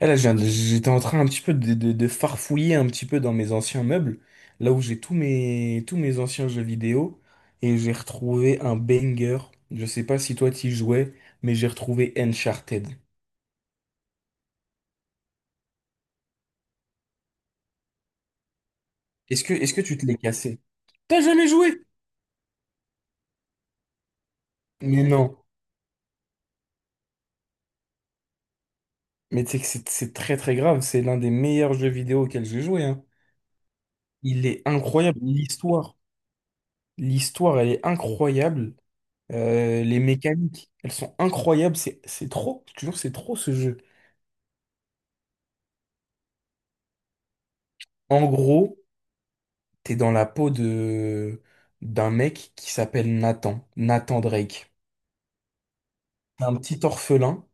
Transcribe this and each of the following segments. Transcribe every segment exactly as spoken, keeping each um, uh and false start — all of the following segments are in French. Eh, Là, je viens de- j'étais en train un petit peu de, de- de farfouiller un petit peu dans mes anciens meubles, là où j'ai tous mes, tous mes anciens jeux vidéo, et j'ai retrouvé un banger. Je sais pas si toi t'y jouais, mais j'ai retrouvé Uncharted. Est-ce que, est-ce que tu te l'es cassé? T'as jamais joué? Mais non. Mais tu sais que c'est c'est très très grave, c'est l'un des meilleurs jeux vidéo auxquels j'ai joué, hein. Il est incroyable, l'histoire. L'histoire, elle est incroyable. Euh, les mécaniques, elles sont incroyables. C'est c'est trop, je te jure, c'est trop ce jeu. En gros, t'es dans la peau de d'un mec qui s'appelle Nathan, Nathan Drake. Un petit orphelin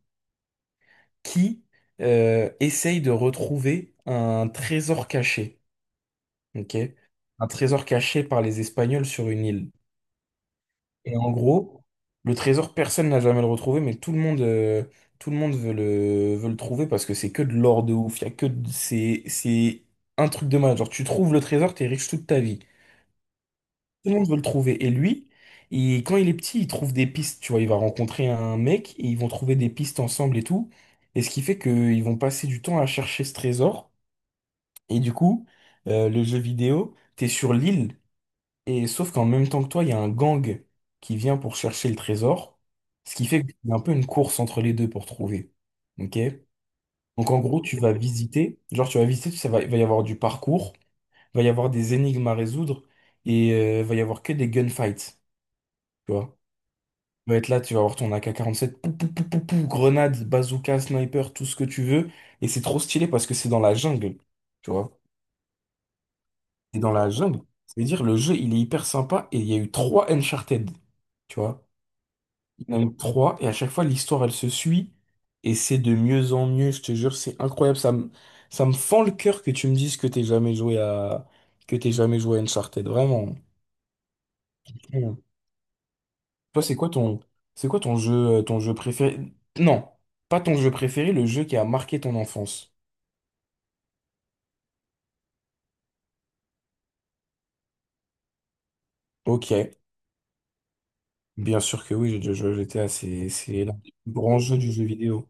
qui euh, essaye de retrouver un trésor caché. Ok. Un trésor caché par les Espagnols sur une île. Et en gros, le trésor, personne n'a jamais le retrouvé, mais tout le monde, euh, tout le monde veut le, veut le trouver parce que c'est que de l'or de ouf. Il y a que de- c'est, c'est un truc de malade. Genre, tu trouves le trésor, t'es riche toute ta vie. Tout le monde veut le trouver. Et lui, il- quand il est petit, il trouve des pistes. Tu vois, il va rencontrer un mec et ils vont trouver des pistes ensemble et tout. Et ce qui fait qu'ils vont passer du temps à chercher ce trésor. Et du coup, euh, le jeu vidéo, t'es sur l'île. Et sauf qu'en même temps que toi, il y a un gang qui vient pour chercher le trésor. Ce qui fait qu'il y a un peu une course entre les deux pour trouver. OK? Donc en gros, tu vas visiter. Genre, tu vas visiter, ça va, il va y avoir du parcours, il va y avoir des énigmes à résoudre et euh, il va y avoir que des gunfights. Tu vois. Tu vas être là, tu vas avoir ton A K quarante-sept, pou, pou, pou, pou, pou, grenade, bazooka, sniper, tout ce que tu veux. Et c'est trop stylé parce que c'est dans la jungle, tu vois. Et dans la jungle, ça veut dire le jeu, il est hyper sympa et il y a eu trois Uncharted, tu vois. Il y en a eu trois et à chaque fois, l'histoire, elle se suit et c'est de mieux en mieux, je te jure, c'est incroyable. Ça me, ça me fend le cœur que tu me dises que t'es jamais joué à, que t'es jamais joué à Uncharted, vraiment. Toi, c'est quoi ton, c'est quoi ton jeu, euh, ton jeu préféré? Non, pas ton jeu préféré, le jeu qui a marqué ton enfance. Ok, bien sûr que oui, j'ai déjà joué à G T A, c'est, c'est l'un des plus grands jeux du jeu vidéo.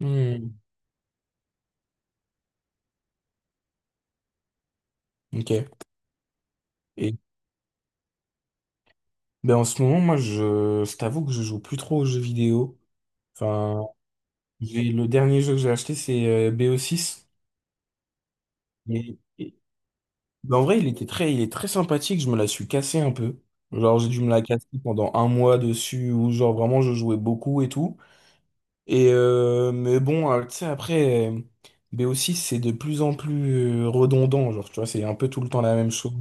Hmm, ok. Et ben, en ce moment, moi, je, je t'avoue que je joue plus trop aux jeux vidéo. Enfin, j'ai, le dernier jeu que j'ai acheté, c'est euh, B O six. Et, et- ben, en vrai, il était très, il est très sympathique, je me la suis cassée un peu. Genre, j'ai dû me la casser pendant un mois dessus, où genre vraiment je jouais beaucoup et tout. Et euh, mais bon, euh, tu sais, après, euh, B O six, c'est de plus en plus euh, redondant, genre, tu vois, c'est un peu tout le temps la même chose.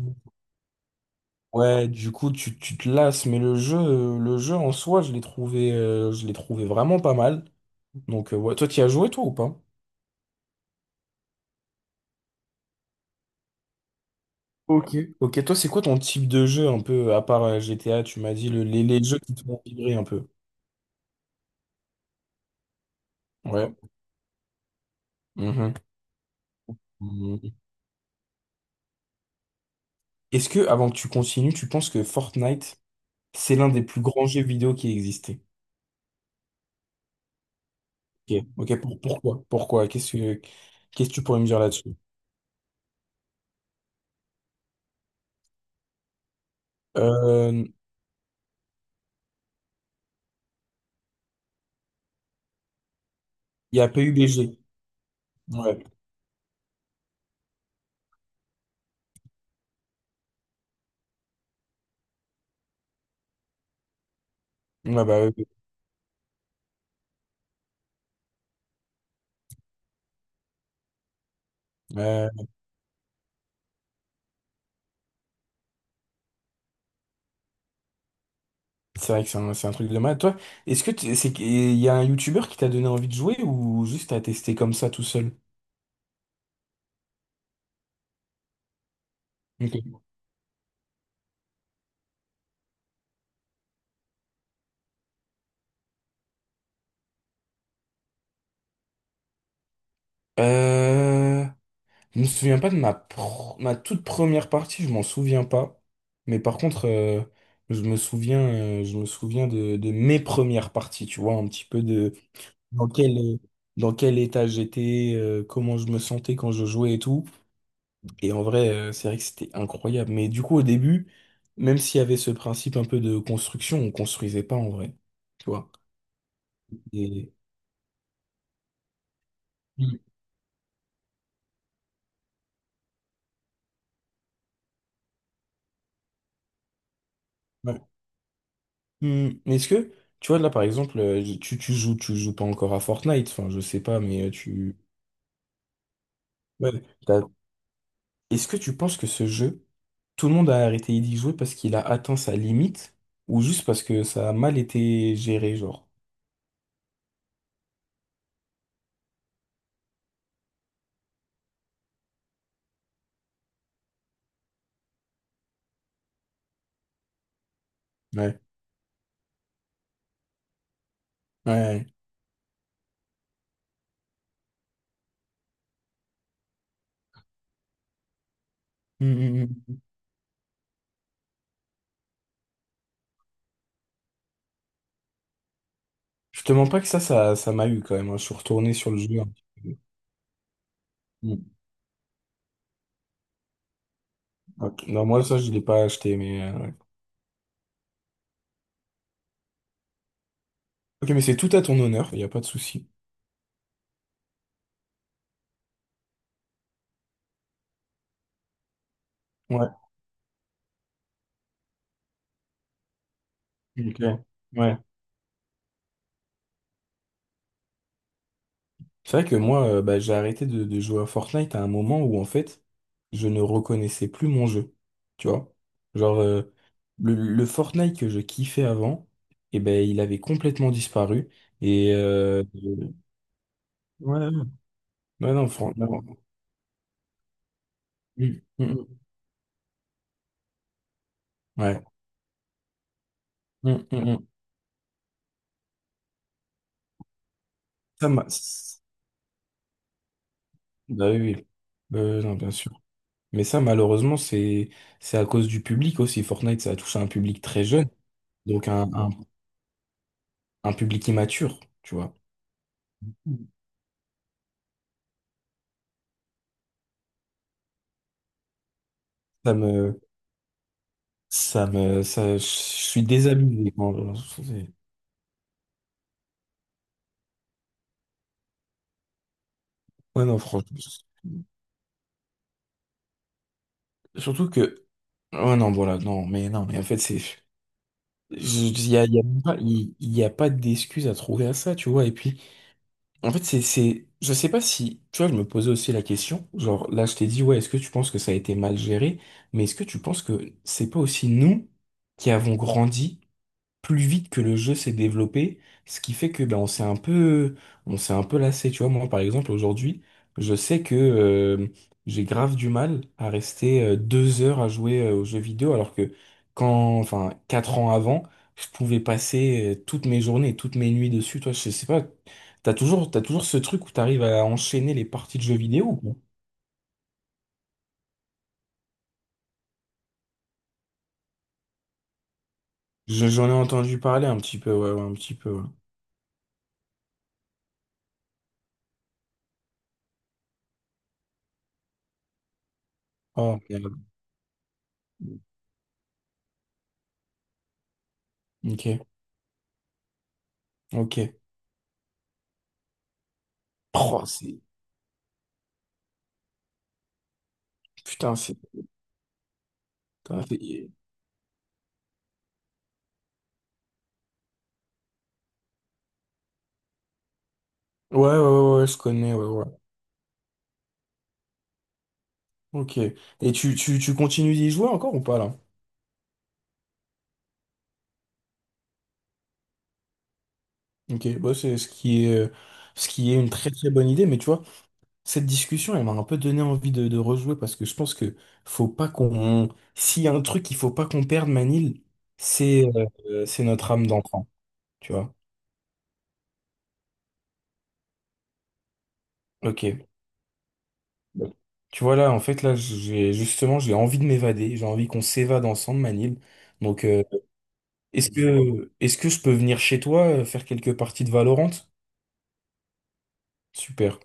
Ouais, du coup, tu, tu te lasses, mais le jeu, euh, le jeu en soi, je l'ai trouvé, euh, je l'ai trouvé vraiment pas mal. Donc, euh, ouais, toi, tu as joué, toi, ou pas? Ok. Ok, toi, c'est quoi ton type de jeu, un peu, à part euh, G T A, tu m'as dit, le- les, les jeux qui te font vibrer un peu. Ouais. Mhm. Mhm. Est-ce que, avant que tu continues, tu penses que Fortnite, c'est l'un des plus grands jeux vidéo qui existait? Ok, ok, pour- pourquoi? Pourquoi? Qu'est-ce que qu'est-ce que tu pourrais me dire là-dessus? Euh, Il y a P U B G. Ouais. Ouais, bah oui. Oui. Euh, c'est vrai que c'est un, c'est un truc de mal. Toi, est-ce que tu- c'est qu'il y a un YouTuber qui t'a donné envie de jouer ou juste t'as testé comme ça tout seul? Ok. Euh, je me souviens pas de ma, pr- ma toute première partie, je m'en souviens pas. Mais par contre, euh, je me souviens, euh, je me souviens de, de mes premières parties, tu vois, un petit peu de. dans quel, dans quel état j'étais, euh, comment je me sentais quand je jouais et tout. Et en vrai, euh, c'est vrai que c'était incroyable. Mais du coup, au début, même s'il y avait ce principe un peu de construction, on construisait pas en vrai. Tu vois. Et... Mm. Ouais. Mm. Mais est-ce que, tu vois, là, par exemple, euh, tu, tu joues, tu joues pas encore à Fortnite, enfin, je sais pas, mais euh, tu... Ouais. T'as- Est-ce que tu penses que ce jeu, tout le monde a arrêté d'y jouer parce qu'il a atteint sa limite ou juste parce que ça a mal été géré, genre? Ouais. Ouais. Ouais. Mm, mm, mm. Je te mens pas que ça, ça, ça m'a eu quand même, hein. Je suis retourné sur le jeu, un petit peu. Mm. Ok. Non, moi, ça, je l'ai pas acheté, mais... euh, ouais. Ok, mais c'est tout à ton honneur, il n'y a pas de souci. Ouais, ok. Ouais. C'est vrai que moi, euh, bah, j'ai arrêté de, de jouer à Fortnite à un moment où, en fait, je ne reconnaissais plus mon jeu. Tu vois? Genre, euh, le, le Fortnite que je kiffais avant, eh ben, il avait complètement disparu. Et... euh, Ouais, ouais, non, franchement. Mm, mm, mm. Ouais. Mm, mm, mm. Ça m'a... Bah oui, oui. Euh, non, bien sûr. Mais ça, malheureusement, c'est c'est à cause du public aussi. Fortnite, ça a touché un public très jeune, donc un, un, un public immature, tu vois. Ça me, ça me, ça, je suis désabusé. quand- c'est- Ouais, non, franchement. Surtout que, ouais, non, voilà, non, mais non, mais en fait, c'est, il y a, y a pas, il il y a pas d'excuse à trouver à ça, tu vois. Et puis. En fait, c'est, c'est, je sais pas si, tu vois, je me posais aussi la question, genre, là, je t'ai dit, ouais, est-ce que tu penses que ça a été mal géré? Mais est-ce que tu penses que c'est pas aussi nous qui avons grandi plus vite que le jeu s'est développé, ce qui fait que ben, on s'est un peu, on s'est un peu lassé. Tu vois, moi, par exemple, aujourd'hui, je sais que euh, j'ai grave du mal à rester euh, deux heures à jouer euh, aux jeux vidéo, alors que quand, enfin, quatre ans avant, je pouvais passer euh, toutes mes journées, toutes mes nuits dessus. Toi, je sais pas, t'as toujours, t'as toujours ce truc où t'arrives à enchaîner les parties de jeux vidéo ou pas? Je- J'en ai entendu parler un petit peu, ouais, ouais, un petit peu. Ouais. Oh, merde. Ok, ok. Oh, c'est. Putain, c'est. T'as fait- Ouais, ouais, ouais, ouais, je connais, ouais, ouais. Ok. Et tu, tu, tu continues d'y jouer encore ou pas là? Ok, bah, c'est ce qui est, euh, ce qui est une très très bonne idée, mais tu vois, cette discussion, elle m'a un peu donné envie de, de rejouer parce que je pense que faut pas qu'on. S'il y a un truc qu'il faut pas qu'on perde, Manil, c'est euh, c'est notre âme d'enfant, tu vois. Ok. Bon. Tu vois là, en fait, là, j'ai justement, j'ai envie de m'évader, j'ai envie qu'on s'évade ensemble, Manil. Donc, euh, Est-ce que, est-ce que je peux venir chez toi euh, faire quelques parties de Valorant? Super.